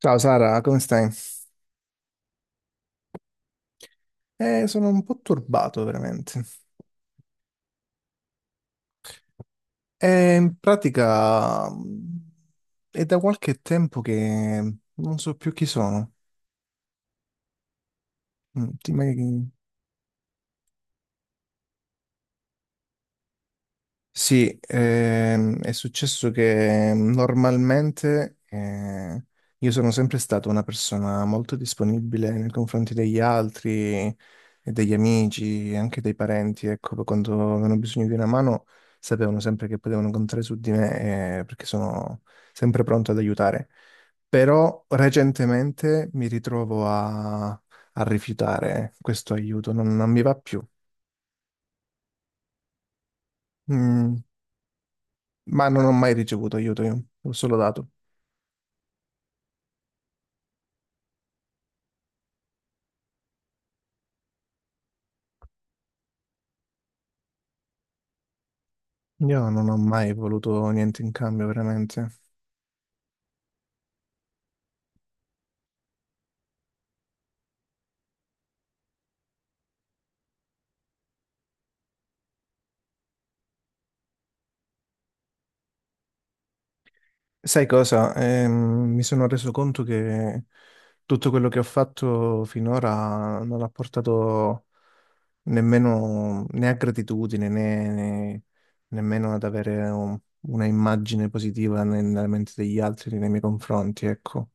Ciao Sara, come stai? Sono un po' turbato veramente. In pratica è da qualche tempo che non so più chi sono. Mm, ti- ma- Sì, è successo che normalmente io sono sempre stata una persona molto disponibile nei confronti degli altri, e degli amici, e anche dei parenti, ecco, quando avevano bisogno di una mano sapevano sempre che potevano contare su di me, perché sono sempre pronto ad aiutare. Però recentemente mi ritrovo a rifiutare questo aiuto, non mi va più. Mm, ma non ho mai ricevuto aiuto io, l'ho solo dato. Io non ho mai voluto niente in cambio, veramente. Sai cosa? Mi sono reso conto che tutto quello che ho fatto finora non ha portato nemmeno né a gratitudine né nemmeno ad avere una immagine positiva nella mente degli altri nei miei confronti, ecco.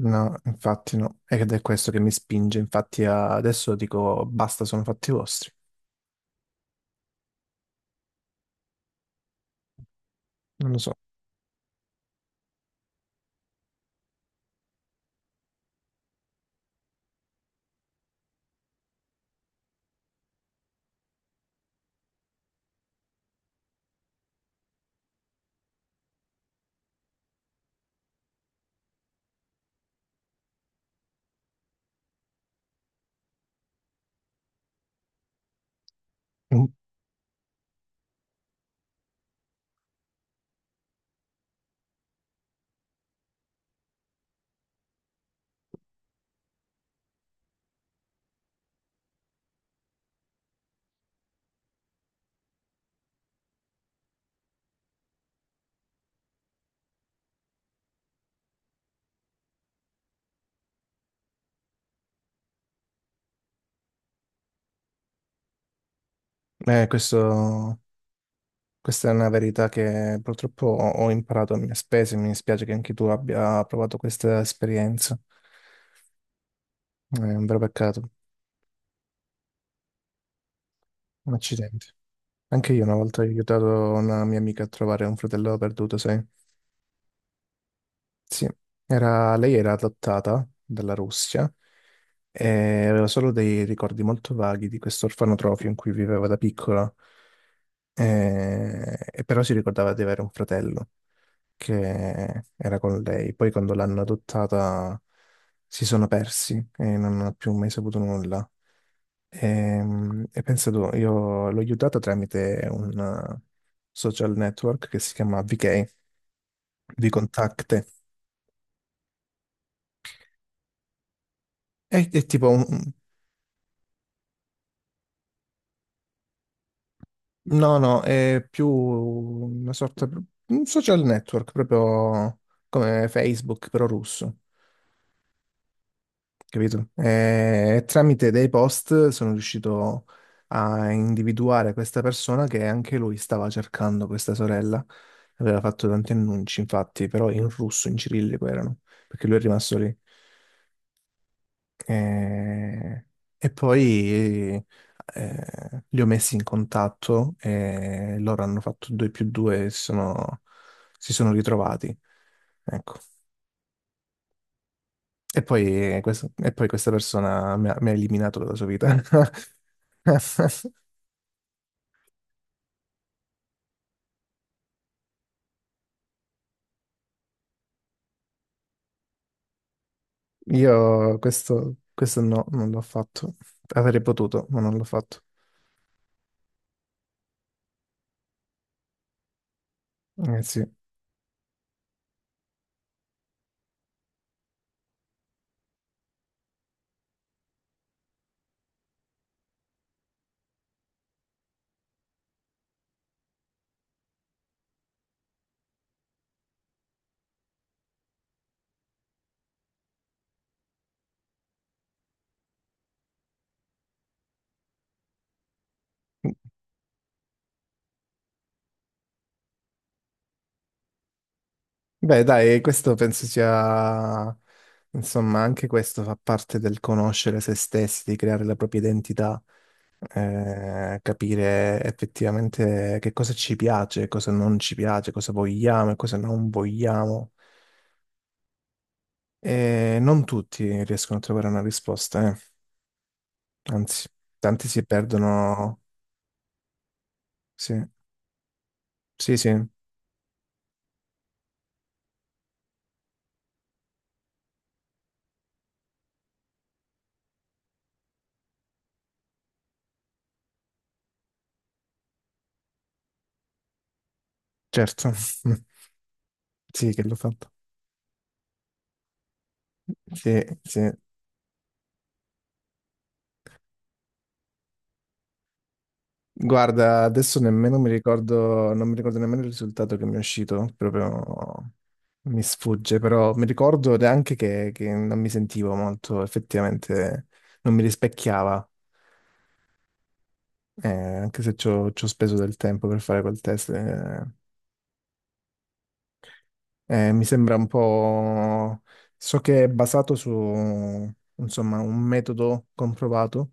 No, infatti no. Ed è questo che mi spinge, infatti, adesso dico basta, sono fatti vostri. Non lo so. Mm. Questo. Questa è una verità che purtroppo ho imparato a mie spese, mi dispiace che anche tu abbia provato questa esperienza. È un vero peccato, un accidente. Anche io una volta ho aiutato una mia amica a trovare un fratello perduto, sai? Sì, lei era adottata dalla Russia e aveva solo dei ricordi molto vaghi di questo orfanotrofio in cui viveva da piccola, e però si ricordava di avere un fratello che era con lei. Poi quando l'hanno adottata si sono persi e non ho più mai saputo nulla. E, pensa tu, io l'ho aiutata tramite un eh, social network che si chiama VK, Vkontakte. È tipo un... No, no, è più una sorta... Un social network, proprio come Facebook, però russo. Capito? E tramite dei post sono riuscito a individuare questa persona che anche lui stava cercando questa sorella. Aveva fatto tanti annunci, infatti, però in russo, in cirillico erano, perché lui è rimasto lì. E, e poi li ho messi in contatto e loro hanno fatto 2 più 2 e si sono ritrovati. Ecco. E poi questa persona mi ha eliminato dalla sua vita. Io questo, questo no, non l'ho fatto. Avrei potuto, ma non l'ho fatto. Eh sì. Beh, dai, questo penso sia... Insomma, anche questo fa parte del conoscere se stessi, di creare la propria identità, capire effettivamente che cosa ci piace, cosa non ci piace, cosa vogliamo e cosa non vogliamo. E non tutti riescono a trovare una risposta, eh. Anzi, tanti si perdono. Sì, sì, sì, certo. Sì, che l'ho fatto. Sì, sì. Guarda, adesso nemmeno mi ricordo, non mi ricordo nemmeno il risultato che mi è uscito, proprio mi sfugge, però mi ricordo neanche che non mi sentivo molto, effettivamente non mi rispecchiava, anche se ci ho speso del tempo per fare quel test. Eh. Mi sembra un po'... So che è basato su, insomma, un metodo comprovato,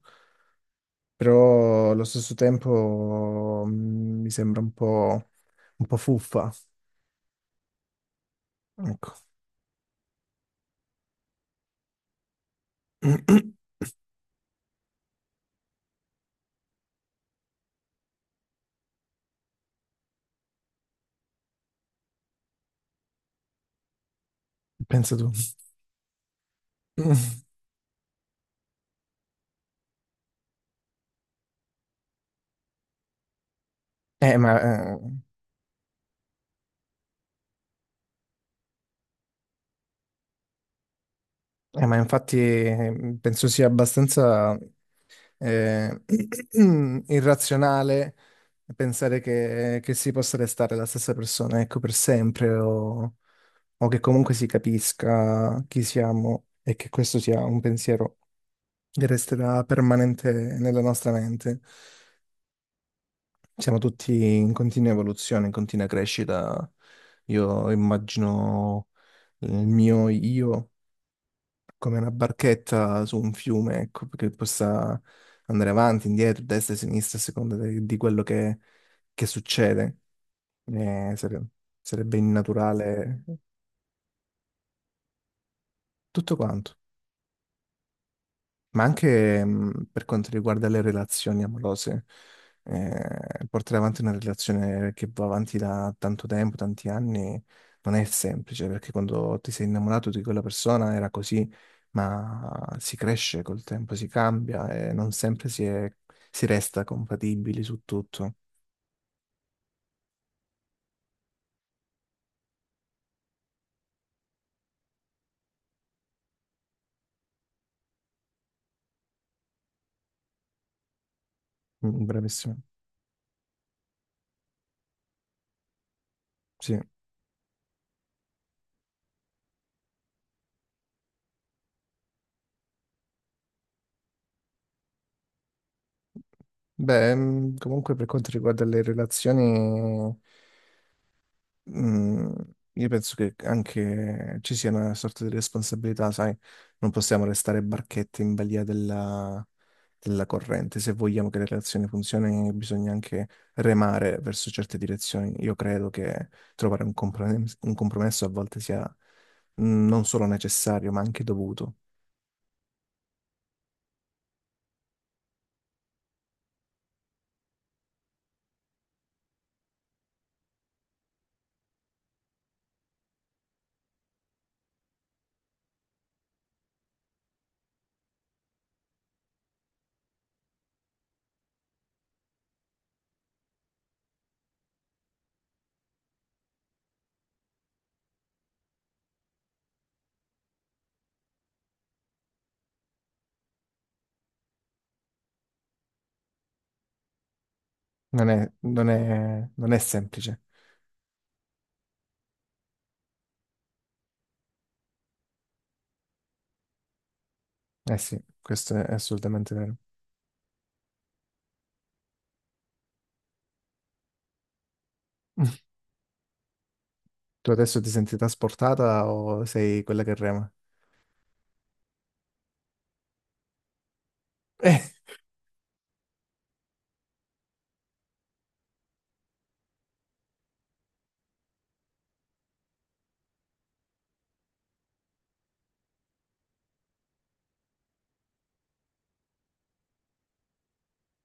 però allo stesso tempo mi sembra un po', fuffa. Ecco. Pensa tu. Eh, ma, eh, ma infatti penso sia abbastanza eh, irrazionale pensare che si possa restare la stessa persona, ecco, per sempre o che comunque si capisca chi siamo e che questo sia un pensiero che resterà permanente nella nostra mente. Siamo tutti in continua evoluzione, in continua crescita. Io immagino il mio io come una barchetta su un fiume, ecco, che possa andare avanti, indietro, destra e sinistra a seconda di quello che succede. Eh, sare- sarebbe innaturale tutto quanto. Ma anche per quanto riguarda le relazioni amorose. Portare avanti una relazione che va avanti da tanto tempo, tanti anni, non è semplice, perché quando ti sei innamorato di quella persona era così, ma si cresce col tempo, si cambia e non sempre si resta compatibili su tutto. Mm, Bravissimo. Sì. Beh, comunque per quanto riguarda le relazioni. Mm, io penso che anche ci sia una sorta di responsabilità, sai, non possiamo restare barchette in balia della corrente. Se vogliamo che le relazioni funzionino, bisogna anche remare verso certe direzioni. Io credo che trovare un compromesso a volte sia non solo necessario, ma anche dovuto. Non è semplice. Eh sì, questo è assolutamente vero. Tu adesso ti senti trasportata o sei quella che rema?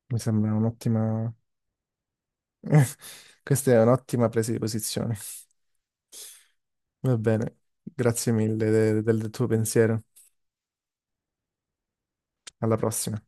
Mi sembra un'ottima... Questa è un'ottima presa di posizione. Va bene, grazie mille del tuo pensiero. Alla prossima.